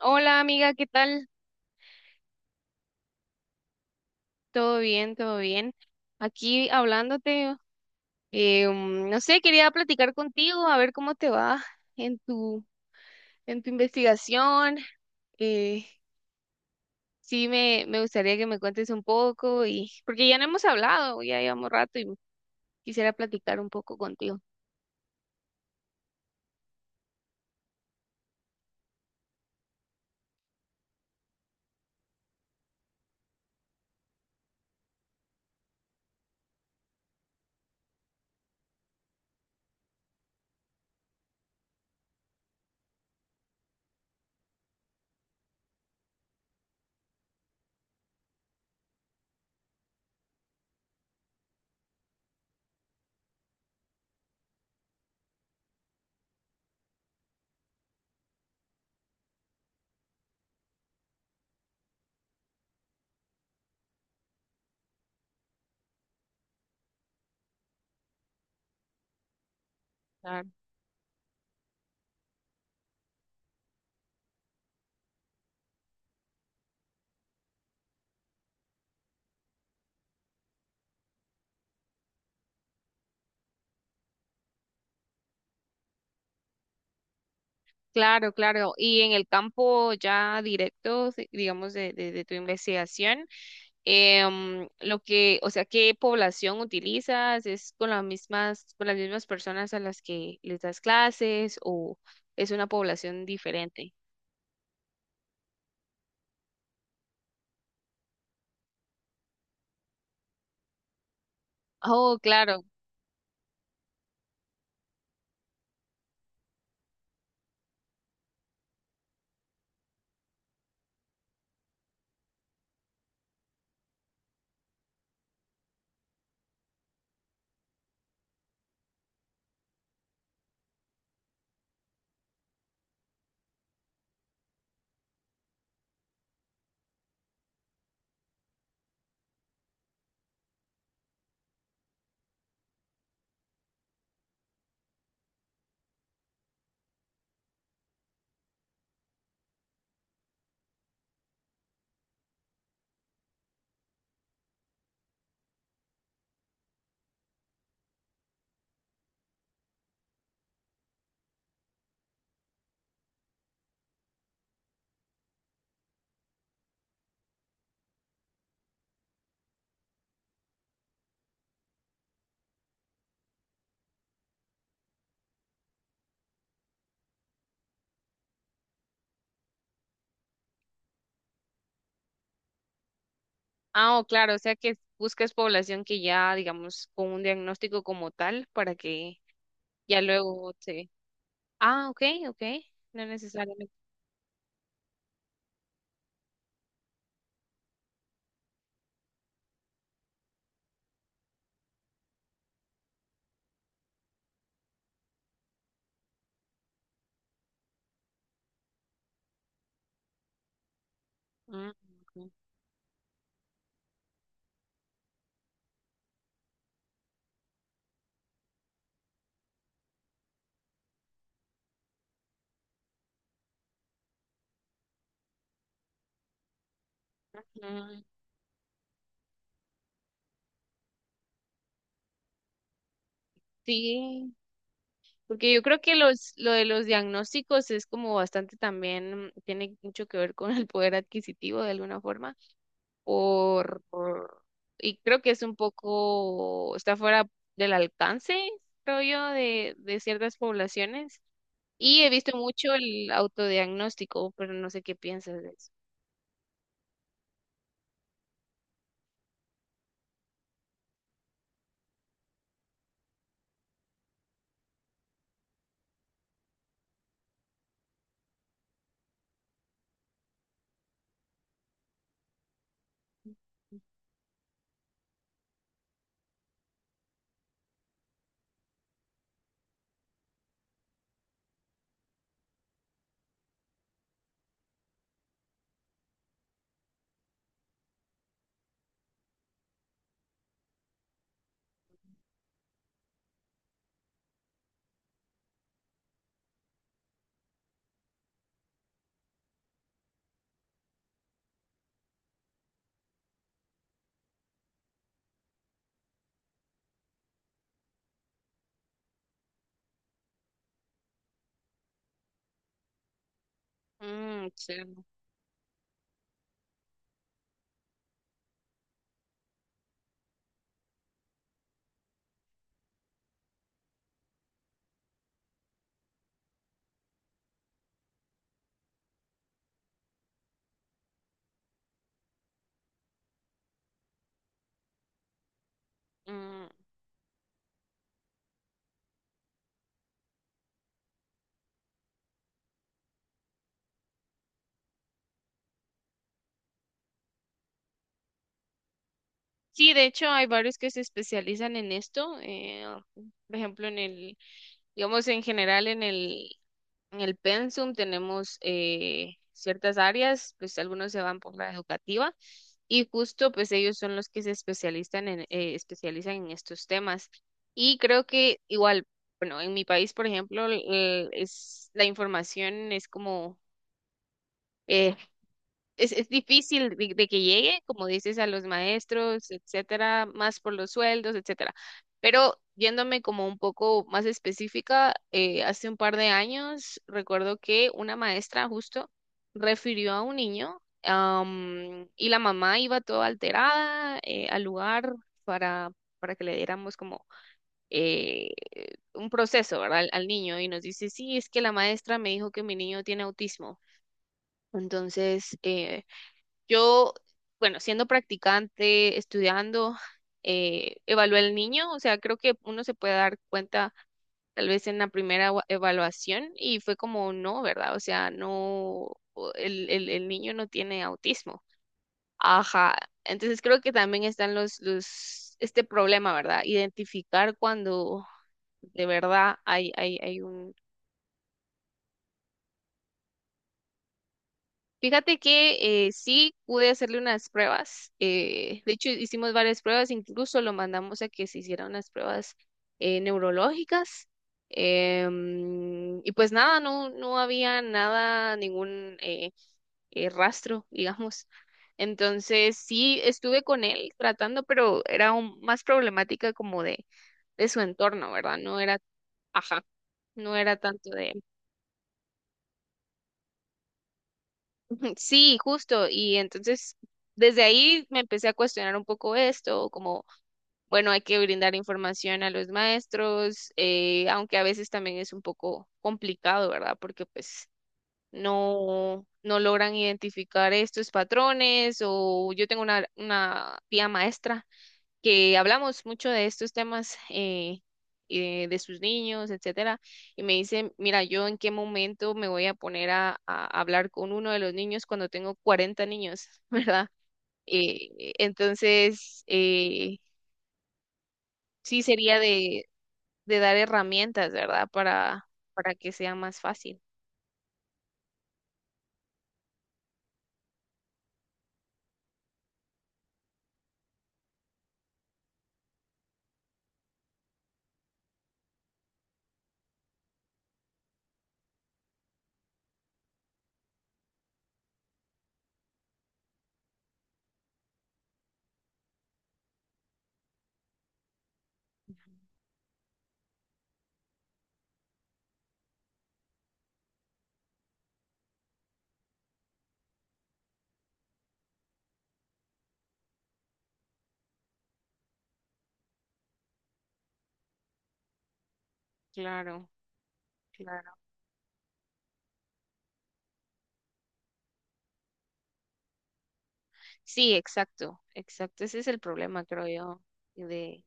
Hola amiga, ¿qué tal? ¿Todo bien? ¿Todo bien? Aquí hablándote, no sé, quería platicar contigo, a ver cómo te va en tu, en tu investigación. eh, sí, me gustaría que me cuentes un poco y porque ya no hemos hablado, ya llevamos rato y quisiera platicar un poco contigo. Claro, claro, claro. Y en el campo ya directo, sí, digamos, de tu investigación. Lo que, o sea, qué población utilizas, es con las mismas personas a las que les das clases o es una población diferente. Oh, claro. Ah, oh, claro, o sea que buscas población que ya, digamos, con un diagnóstico como tal para que ya luego se... Ah, ok, ok, no necesariamente. Mm, ok. Mm, sí. Porque yo creo que lo de los diagnósticos es como bastante también, tiene mucho que ver con el poder adquisitivo de alguna forma, por, por- y creo que es un poco, está fuera del alcance, creo yo, de ciertas poblaciones. Y he visto mucho el autodiagnóstico, pero no sé qué piensas de eso. Mm, sí. Mm. Sí, de hecho hay varios que se especializan en esto, por ejemplo digamos en general en el en el Pensum tenemos ciertas áreas, pues algunos se van por la educativa y justo pues ellos son los que se especializan en, especializan en estos temas. Y creo que igual, bueno, en mi país, por ejemplo, la información es como, eh, es difícil de que llegue, como dices, a los maestros, etcétera, más por los sueldos, etcétera. Pero yéndome como un poco más específica, hace un par de años recuerdo que una maestra justo refirió a un niño, y la mamá iba toda alterada, al lugar para, para que le diéramos como eh, un proceso, ¿verdad? Al niño y nos dice, sí, es que la maestra me dijo que mi niño tiene autismo. Entonces, yo, bueno, siendo practicante, estudiando, evalué al niño, o sea, creo que uno se puede dar cuenta tal vez en la primera evaluación y fue como no, ¿verdad? O sea, no, el niño no tiene autismo. Ajá, entonces creo que también están este problema, ¿verdad? Identificar cuando de verdad hay un... Fíjate que sí pude hacerle unas pruebas. De hecho, hicimos varias pruebas, incluso lo mandamos a que se hicieran unas pruebas neurológicas. Y pues nada, no había nada, ningún rastro, digamos. Entonces sí estuve con él tratando, pero era más problemática como de su entorno, ¿verdad? No era, ajá, no era tanto. Ujú, sí, justo. Y entonces, desde ahí me empecé a cuestionar un poco esto, como, bueno, hay que brindar información a los maestros, aunque a veces también es un poco complicado, ¿verdad? Porque pues no, no logran identificar estos patrones o yo tengo una tía maestra que hablamos mucho de estos temas de sus niños, etcétera, y me dice, mira, yo en qué momento me voy a poner a hablar con uno de los niños cuando tengo 40 niños, ¿verdad? Eh, entonces, eh, sí sería de dar herramientas, ¿verdad? Para que sea más fácil. Claro, claro. Sí, exacto, exacto. Ese es el problema, creo yo, de...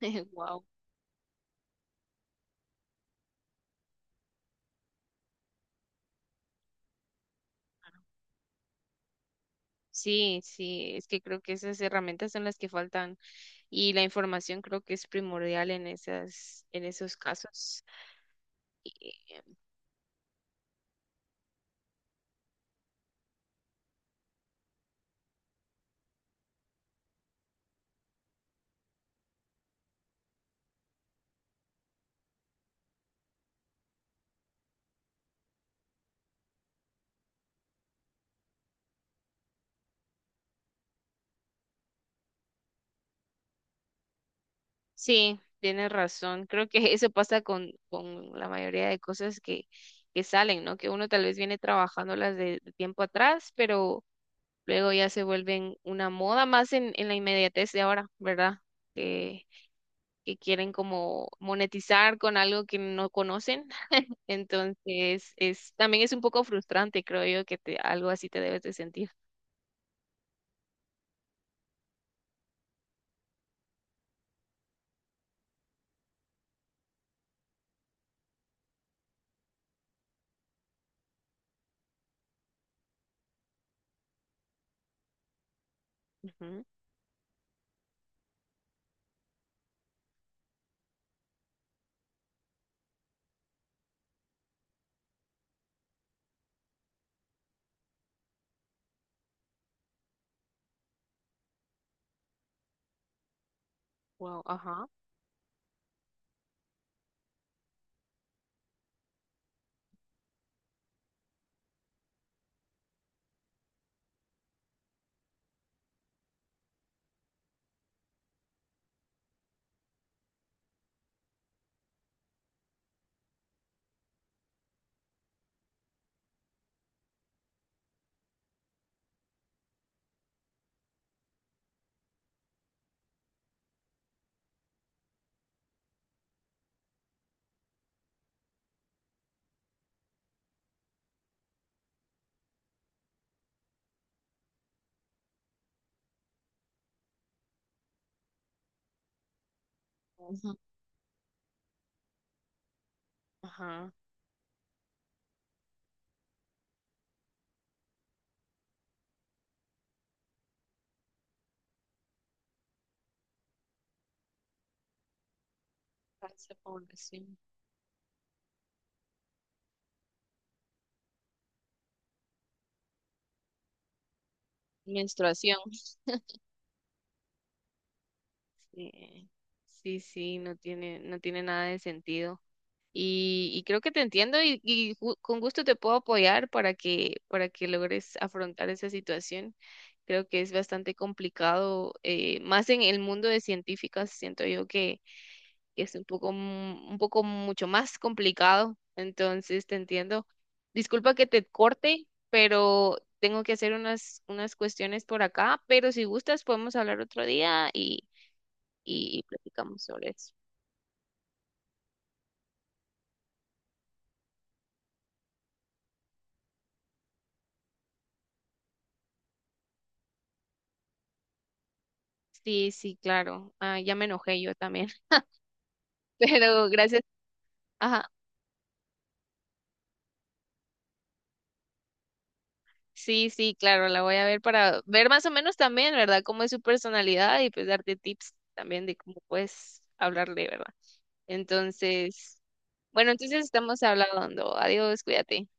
Wow. Sí, sí, es que creo que esas herramientas son las que faltan y la información creo que es primordial en esas, en esos casos. Y, sí, tienes razón. Creo que eso pasa con la mayoría de cosas que salen, ¿no? Que uno tal vez viene trabajándolas de tiempo atrás, pero luego ya se vuelven una moda más en la inmediatez de ahora, ¿verdad? Que, que quieren como monetizar con algo que no conocen. Entonces, es, también es un poco frustrante, creo yo, que te, algo así te debes de sentir. Ujú. Wow, ajá. Ujú. Ajá, cáncer, población, menstruación. Sí, sí, sí, no tiene, no tiene nada de sentido. Y creo que te entiendo y con gusto te puedo apoyar para que logres afrontar esa situación. Creo que es bastante complicado, más en el mundo de científicas, siento yo que es un poco, un poco mucho más complicado, entonces te entiendo. Disculpa que te corte, pero tengo que hacer unas, unas cuestiones por acá, pero si gustas podemos hablar otro día y platicamos sobre eso. Sí, sí, claro. Ah, ya me enojé yo también, pero gracias. Ajá. Sí, sí, claro, la voy a ver para ver más o menos también, ¿verdad? Cómo es su personalidad y pues darte tips también de cómo puedes hablarle, ¿verdad? Entonces, bueno, entonces estamos hablando. Adiós, cuídate.